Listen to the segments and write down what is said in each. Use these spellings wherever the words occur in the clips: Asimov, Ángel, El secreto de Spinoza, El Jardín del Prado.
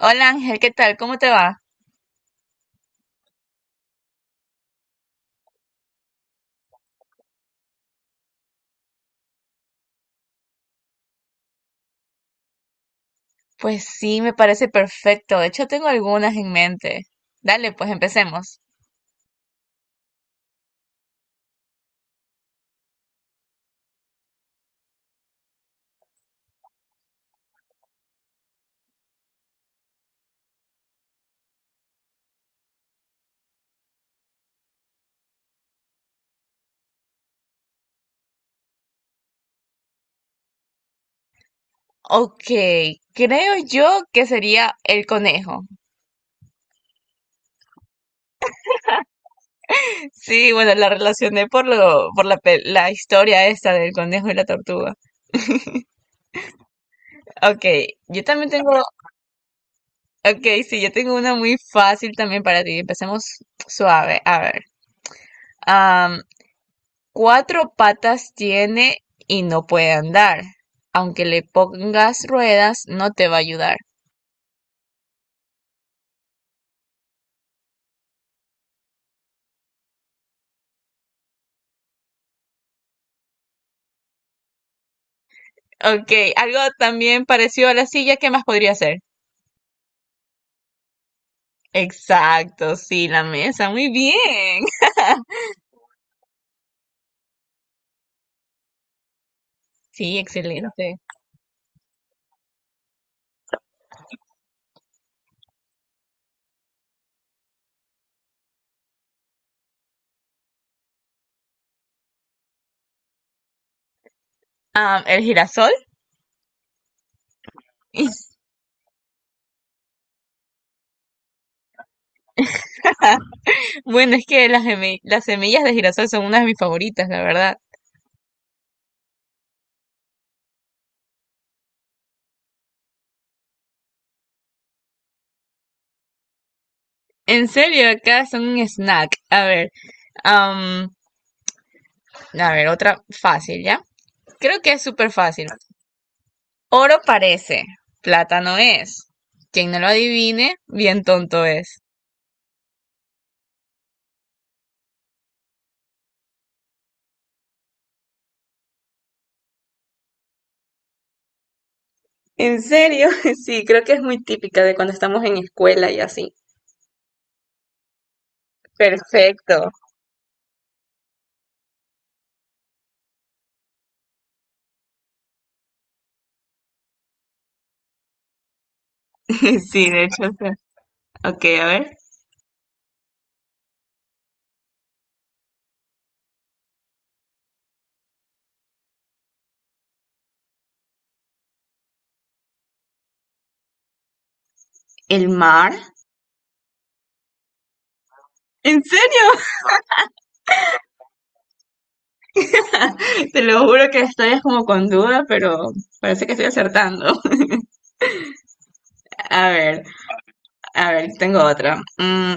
Hola Ángel, ¿qué tal? ¿Cómo te va? Pues sí, me parece perfecto. De hecho, tengo algunas en mente. Dale, pues empecemos. Ok, creo yo que sería el conejo. Sí, bueno, la relacioné por lo, por la, pe- la historia esta del conejo y la tortuga. Ok, yo también tengo, ok, sí, yo tengo una muy fácil también para ti. Empecemos suave. A ver. Cuatro patas tiene y no puede andar. Aunque le pongas ruedas, no te va a ayudar. Ok, algo también parecido a la silla, ¿qué más podría ser? Exacto, sí, la mesa, muy bien. Sí, excelente. Ah, el girasol. Bueno, es que las semillas de girasol son una de mis favoritas, la verdad. En serio, acá son un snack. A ver, am, a ver, otra fácil, ¿ya? Creo que es súper fácil. Oro parece, plata no es. Quien no lo adivine, bien tonto es. ¿En serio? Sí, creo que es muy típica de cuando estamos en escuela y así. Perfecto. Sí, de hecho, sí. Ok, a ver. ¿El mar? ¿En serio? Te lo juro que estoy es como con duda, pero parece que estoy acertando. A ver, a ver, tengo otra.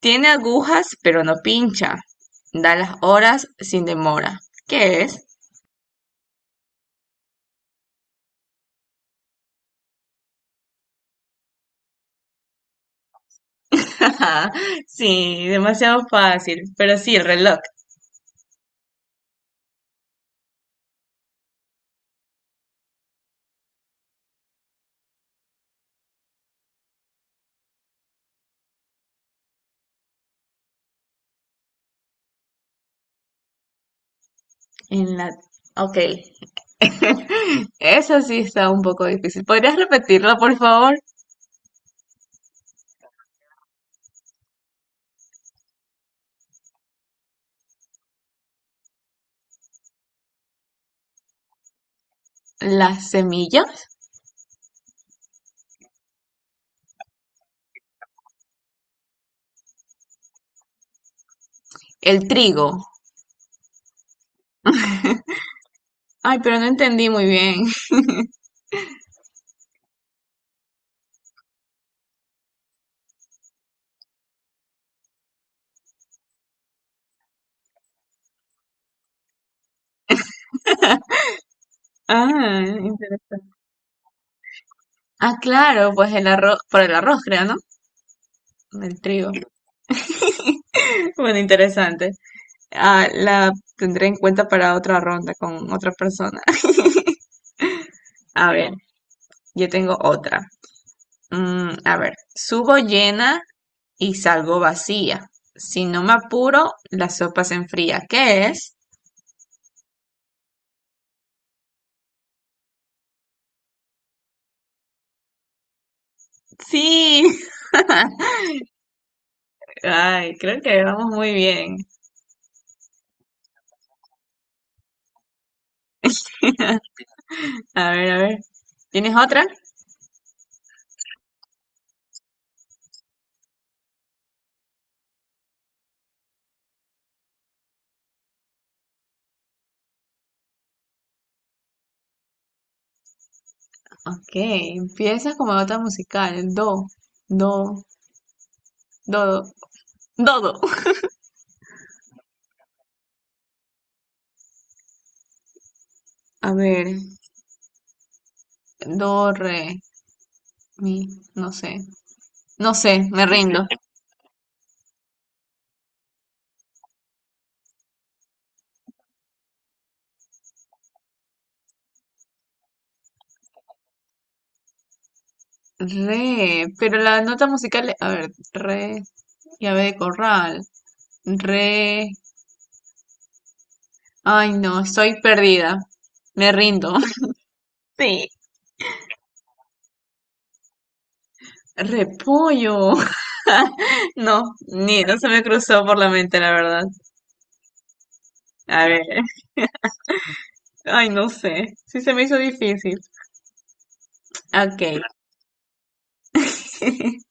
Tiene agujas, pero no pincha. Da las horas sin demora. ¿Qué es? Ajá, sí, demasiado fácil, pero sí, el reloj. En la... Ok. Eso sí está un poco difícil. ¿Podrías repetirlo, por favor? Las semillas, el trigo. Ay, pero no entendí muy bien. Ah, interesante. Ah, claro, pues el arroz, por el arroz, creo, ¿no? El trigo. Bueno, interesante. Ah, la tendré en cuenta para otra ronda con otra persona. A ver, yo tengo otra. A ver, subo llena y salgo vacía. Si no me apuro, la sopa se enfría. ¿Qué es? Sí. Ay, creo que vamos muy bien. A ver. ¿Tienes otra? Ok, empieza como nota musical. Do, do, do. A ver, do, re, mi, no sé. No sé, me rindo. Re, pero la nota musical, a ver, re, llave de corral. Re, ay, no, estoy perdida. Me rindo. Sí, repollo. No, ni no se me cruzó por la mente, la verdad. A ver, ay, no sé. Sí se me hizo difícil. Ok.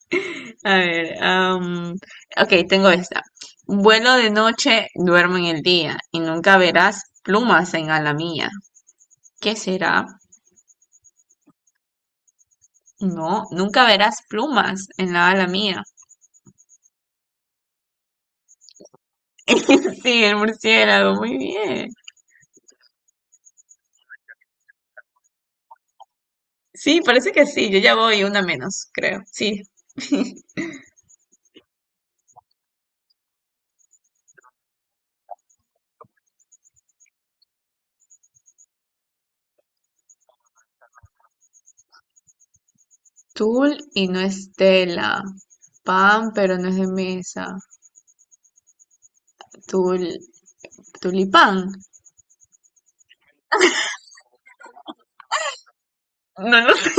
A ver, am, ok, tengo esta. Vuelo de noche, duermo en el día y nunca verás plumas en ala mía. ¿Qué será? No, nunca verás plumas en la ala mía. Sí, el murciélago, muy bien. Sí, parece que sí. Yo ya voy una menos, creo. Sí. Tul y no es tela. Pan, pero no es de mesa. Tul, tulipán. No lo sé.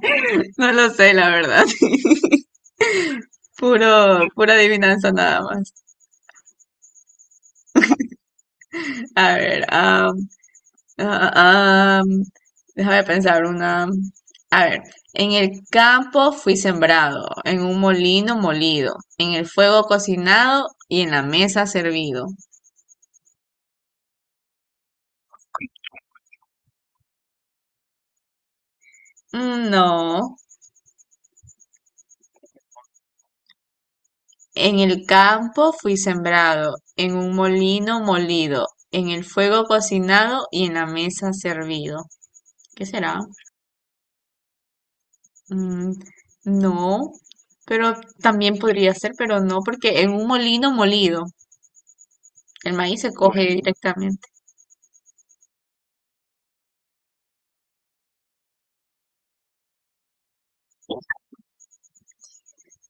No lo sé, la verdad. Puro, pura adivinanza nada más. A ver, am, ah, am, déjame pensar una. A ver, en el campo fui sembrado, en un molino molido, en el fuego cocinado y en la mesa servido. Mm, no. En el campo fui sembrado, en un molino molido, en el fuego cocinado y en la mesa servido. ¿Qué será? Mm, no, pero también podría ser, pero no, porque en un molino molido, el maíz se coge. Bueno, directamente.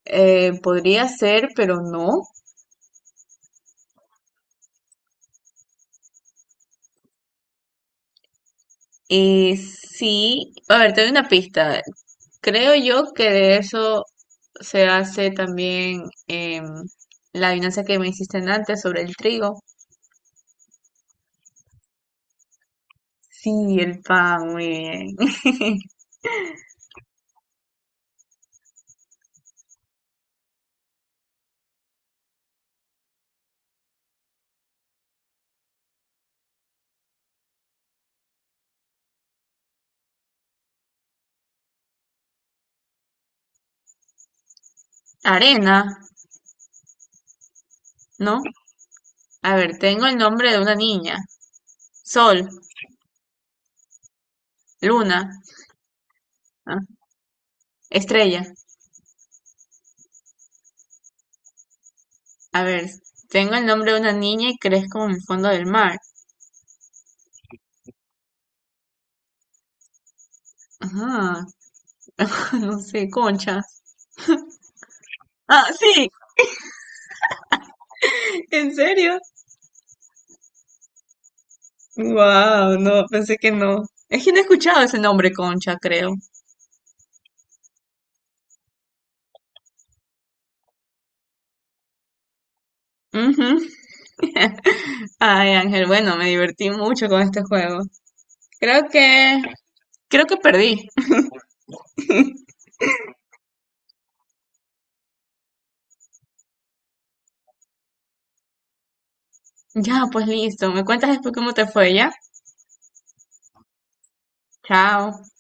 Podría ser, pero no. Sí, a ver, te doy una pista. Creo yo que de eso se hace también la adivinanza que me hiciste antes sobre el trigo. Sí, el pan, muy bien. Arena, ¿no? A ver, tengo el nombre de una niña. Sol, luna, ah, estrella. A ver, tengo el nombre de una niña y crezco en el fondo del mar. Ajá, no sé, concha. Ah, sí, ¿en serio? Wow, no, pensé que no. Es que no he escuchado ese nombre, concha, creo. Ujú. Ay, Ángel, bueno, me divertí mucho con este juego. Creo que, creo que perdí. Ya, pues listo. Me cuentas después cómo te fue, ¿ya? Chao.